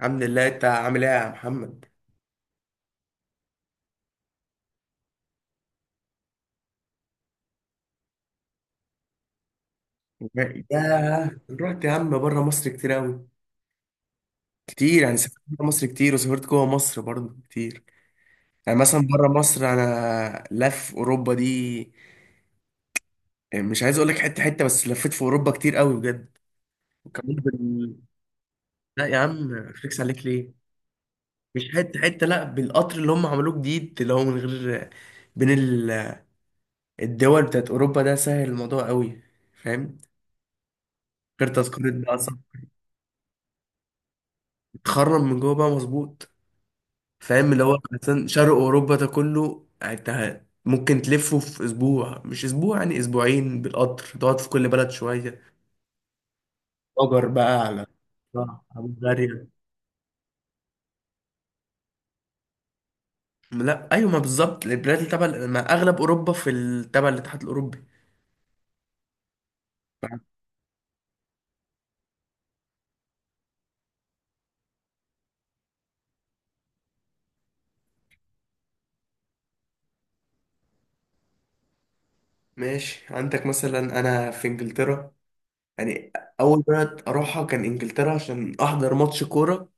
الحمد لله. انت عامل ايه يا محمد؟ ياه، رحت يا عم بره مصر كتير قوي. كتير، يعني سافرت بره مصر كتير وسافرت جوه مصر برضه كتير. يعني مثلا بره مصر انا لف اوروبا دي. مش عايز اقول لك حته حته، بس لفيت في اوروبا كتير قوي بجد. وكمان بال... لا يا عم، فليكس عليك ليه؟ مش حته حته، لا، بالقطر اللي هم عملوه جديد، اللي هو من غير بين ال- الدول بتاعت اوروبا ده. سهل الموضوع قوي، فاهم؟ غير تذكره بقى، صح؟ تخرم من جوه بقى، مظبوط. فاهم، اللي هو مثلا شرق اوروبا ده كله انت ممكن تلفه في اسبوع، مش اسبوع يعني اسبوعين بالقطر، تقعد في كل بلد شويه. أجر بقى على بلغاريا. لا ايوه، ما بالظبط البلاد اللي تبع، ما اغلب اوروبا تبع الاتحاد الاوروبي. ماشي، عندك مثلا انا في انجلترا، يعني اول بلد اروحها كان انجلترا عشان احضر ماتش كوره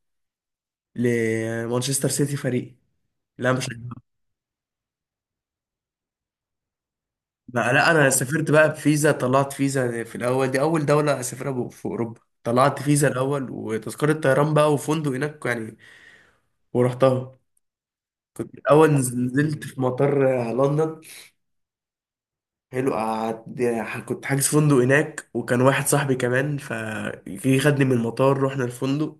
لمانشستر سيتي فريق. لا، مش بقى. لا انا سافرت بقى بفيزا، طلعت فيزا في الاول، دي اول دوله اسافرها في اوروبا، طلعت فيزا الاول وتذكره طيران بقى وفندق هناك يعني، ورحتها. الاول نزلت في مطار لندن. حلو، قعدت، كنت حاجز فندق هناك، وكان واحد صاحبي كمان فجه خدني من المطار، رحنا الفندق،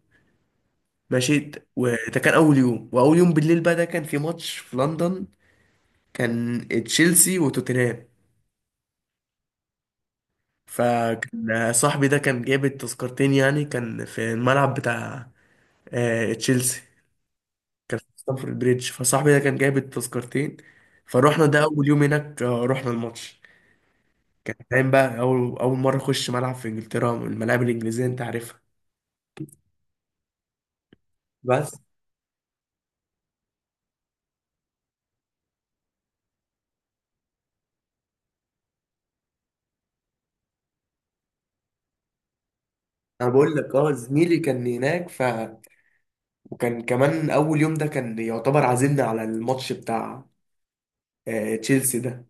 مشيت. وده كان اول يوم، واول يوم بالليل بقى ده كان في ماتش في لندن. كان تشيلسي وتوتنهام. فكان صاحبي ده كان جايب التذكرتين، يعني كان في الملعب بتاع تشيلسي. كان في ستامفورد بريدج، فصاحبي ده كان جايب التذكرتين، فروحنا ده اول يوم هناك، رحنا الماتش. كان فاهم بقى، اول مره اخش ملعب في انجلترا، الملاعب الانجليزيه انت عارفها. بس. بقول لك، اه، زميلي كان هناك، ف، وكان كمان اول يوم ده كان يعتبر عازمنا على الماتش بتاع تشيلسي ده.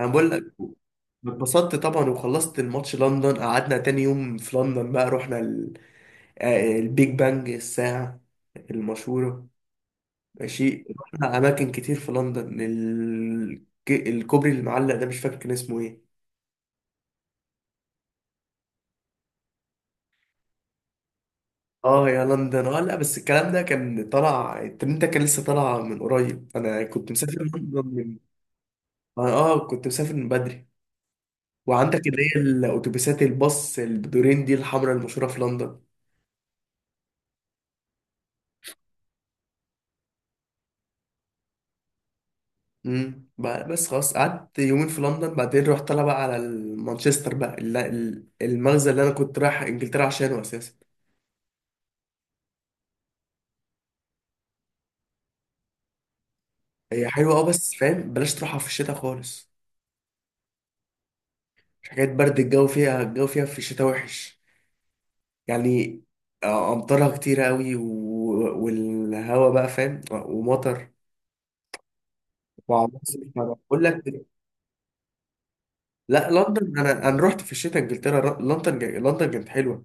انا بقول لك، اتبسطت طبعا. وخلصت الماتش لندن، قعدنا تاني يوم في لندن بقى، رحنا البيج بانج، الساعة المشهورة. ماشي، رحنا أماكن كتير في لندن، الكوبري المعلق ده مش فاكر كان اسمه ايه. اه يا لندن، اه، لا بس الكلام ده كان طالع، الترند ده كان لسه طالع من قريب، انا كنت مسافر لندن من اه، كنت مسافر من بدري. وعندك اللي هي الاتوبيسات، الباص البدورين دي الحمراء المشهورة في لندن. بقى- بس خلاص، قعدت يومين في لندن، بعدين رحت طالع بقى على مانشستر بقى، المغزى اللي انا كنت رايح انجلترا عشانه اساسا. هي حلوه اه، بس فاهم، بلاش تروحها في الشتاء خالص. حكايه برد، الجو فيها، الجو فيها في الشتاء وحش يعني. امطارها كتير قوي والهوا بقى، فاهم، ومطر وعواصف بقول لك. لا لندن، انا رحت في الشتاء انجلترا، لندن، لندن كانت حلوه.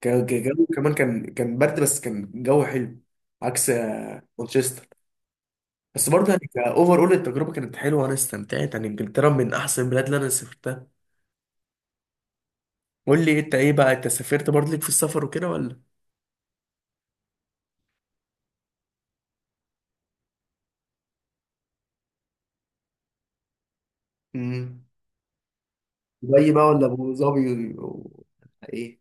جو كمان، كان برد بس كان جو حلو. عكس مانشستر. بس برضه يعني كاوفر، اول التجربه كانت حلوه وانا استمتعت، يعني انجلترا من احسن البلاد اللي انا سافرتها. قول لي انت ايه بقى؟ انت سافرت برضه، ليك في السفر وكده ولا؟ امم. دبي بقى ولا ابو ظبي ايه؟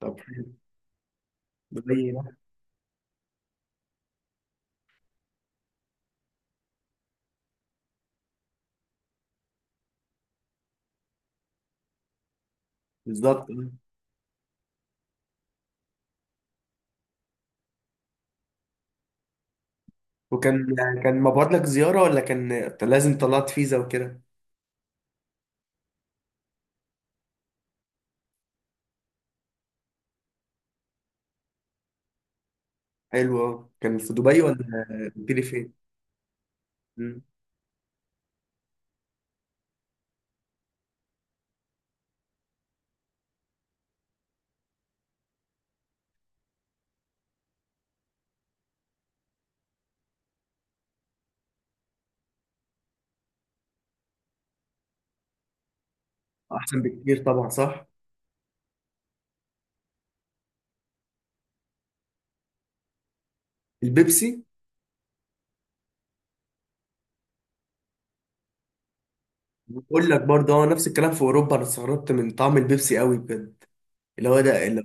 طب حلو. دبي بقى. بالظبط آه. وكان، كان مبعوت لك زياره ولا كان لازم طلعت فيزا وكده؟ حلو أوي. كان في دبي ولا؟ قلت لي فين؟ مم. احسن بكتير طبعا، صح. البيبسي. بقول لك برضه، هو نفس الكلام في اوروبا، انا استغربت من طعم البيبسي قوي بجد. اللي هو ده اللي،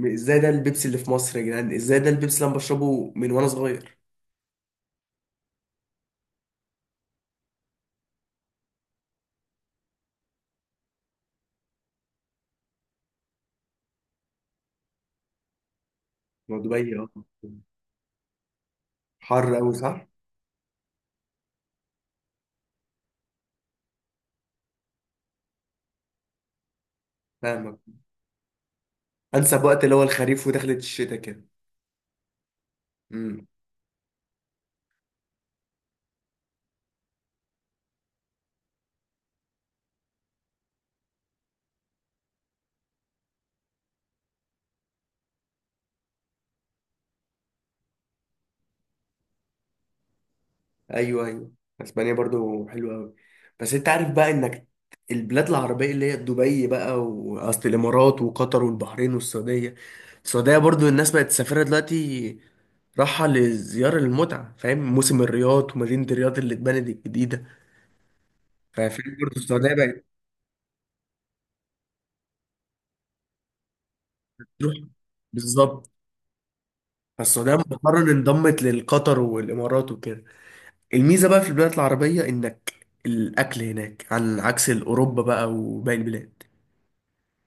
هو ازاي ده البيبسي اللي في مصر يا جدعان؟ ازاي ده البيبسي اللي انا بشربه من وانا صغير؟ ما دبي اه. حر قوي، صح. فاهمك. انسب وقت اللي هو الخريف ودخلة الشتاء كده. ايوه ايوه. اسبانيا برضو حلوه قوي. بس انت عارف بقى انك، البلاد العربيه اللي هي دبي بقى، واصل، الامارات وقطر والبحرين والسعوديه. السعوديه برضو الناس بقت تسافرها دلوقتي، راحه لزياره المتعه، فاهم، موسم الرياض ومدينه الرياض اللي اتبنت الجديده. ففاهم برضو السعوديه بقت تروح. بالظبط. فالسعوديه مؤخرا انضمت للقطر والامارات وكده. الميزه بقى في البلاد العربيه انك، الاكل هناك عن عكس اوروبا بقى وباقي البلاد.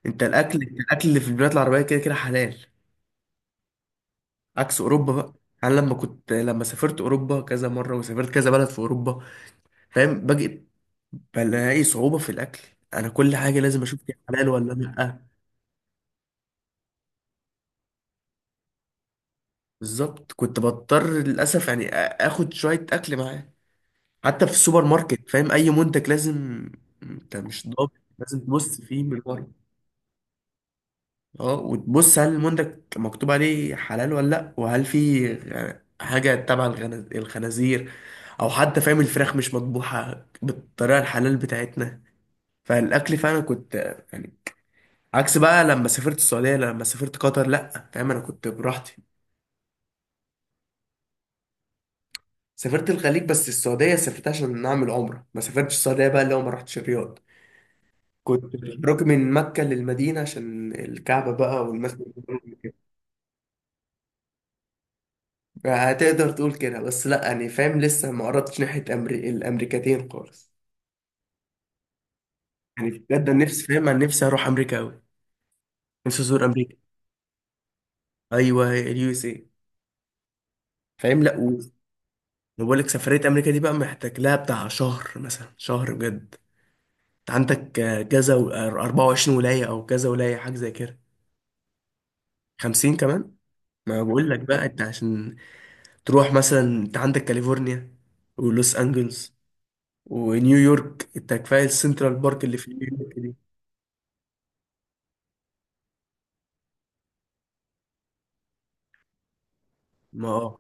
انت الاكل اللي في البلاد العربيه كده كده حلال. عكس اوروبا بقى. انا لما سافرت اوروبا كذا مره، وسافرت كذا بلد في اوروبا، فاهم، باجي بلاقي صعوبه في الاكل. انا كل حاجه لازم اشوف دي حلال ولا لا. بالظبط. كنت بضطر للاسف يعني اخد شويه اكل معايا. حتى في السوبر ماركت، فاهم، اي منتج لازم، انت مش ضامن، لازم تبص فيه من ورا. اه، وتبص هل المنتج مكتوب عليه حلال ولا لا، وهل في حاجة تبع الخنازير، او حتى فاهم الفراخ مش مطبوحة بالطريقة الحلال بتاعتنا. فالاكل فعلا كنت يعني، عكس بقى لما سافرت السعودية، لما سافرت قطر، لا فاهم انا كنت براحتي. سافرت الخليج، بس السعودية سافرت عشان نعمل عمرة، ما سافرتش السعودية بقى اللي هو، ما رحتش الرياض. كنت بروح من مكة للمدينة عشان الكعبة بقى والمسجد. هتقدر تقول كده، بس لا يعني فاهم، لسه ما قربتش ناحية الأمريكتين خالص. يعني بجد أنا نفسي، فاهم، أنا نفسي أروح أمريكا أوي، نفسي أزور أمريكا. أيوه، اليو اس إيه. فاهم لا و- بقول لك سفرية أمريكا دي بقى محتاج لها بتاع شهر، مثلا شهر بجد. أنت عندك آه، كذا و- آه، 24 ولاية أو كذا ولاية حاجة زي كده. 50 كمان؟ ما بقول لك بقى، أنت عشان تروح، مثلا أنت عندك كاليفورنيا ولوس أنجلز ونيويورك. أنت كفاية السنترال بارك اللي في نيويورك دي. ما اه،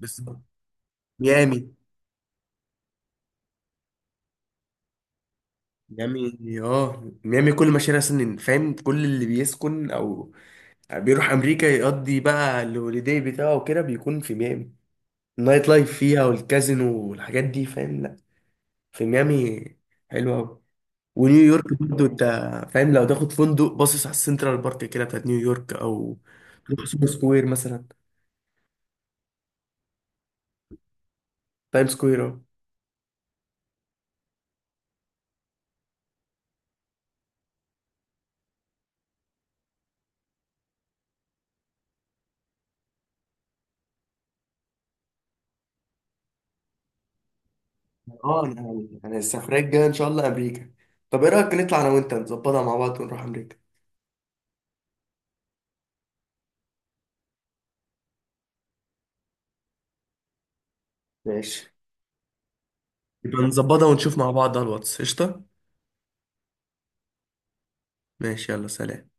بس ميامي ميامي اه، ميامي كل مشاريع سنين، فاهم، كل اللي بيسكن او بيروح امريكا يقضي بقى الهوليداي بتاعه وكده بيكون في ميامي. النايت لايف فيها والكازينو والحاجات دي، فاهم، لا في ميامي حلوة أوي. ونيويورك برضه، انت فاهم، لو تاخد فندق باصص على السنترال بارك كده بتاعت نيويورك، او تروح سوبر سكوير مثلا. تايم سكوير اهو. اه انا، السفرية الجاية ان شاء الله امريكا. طب ايه رأيك نطلع انا وانت نظبطها مع بعض ونروح امريكا؟ ماشي. يبقى نظبطها ونشوف مع بعض على الواتس. قشطة. ماشي يلا، سلام.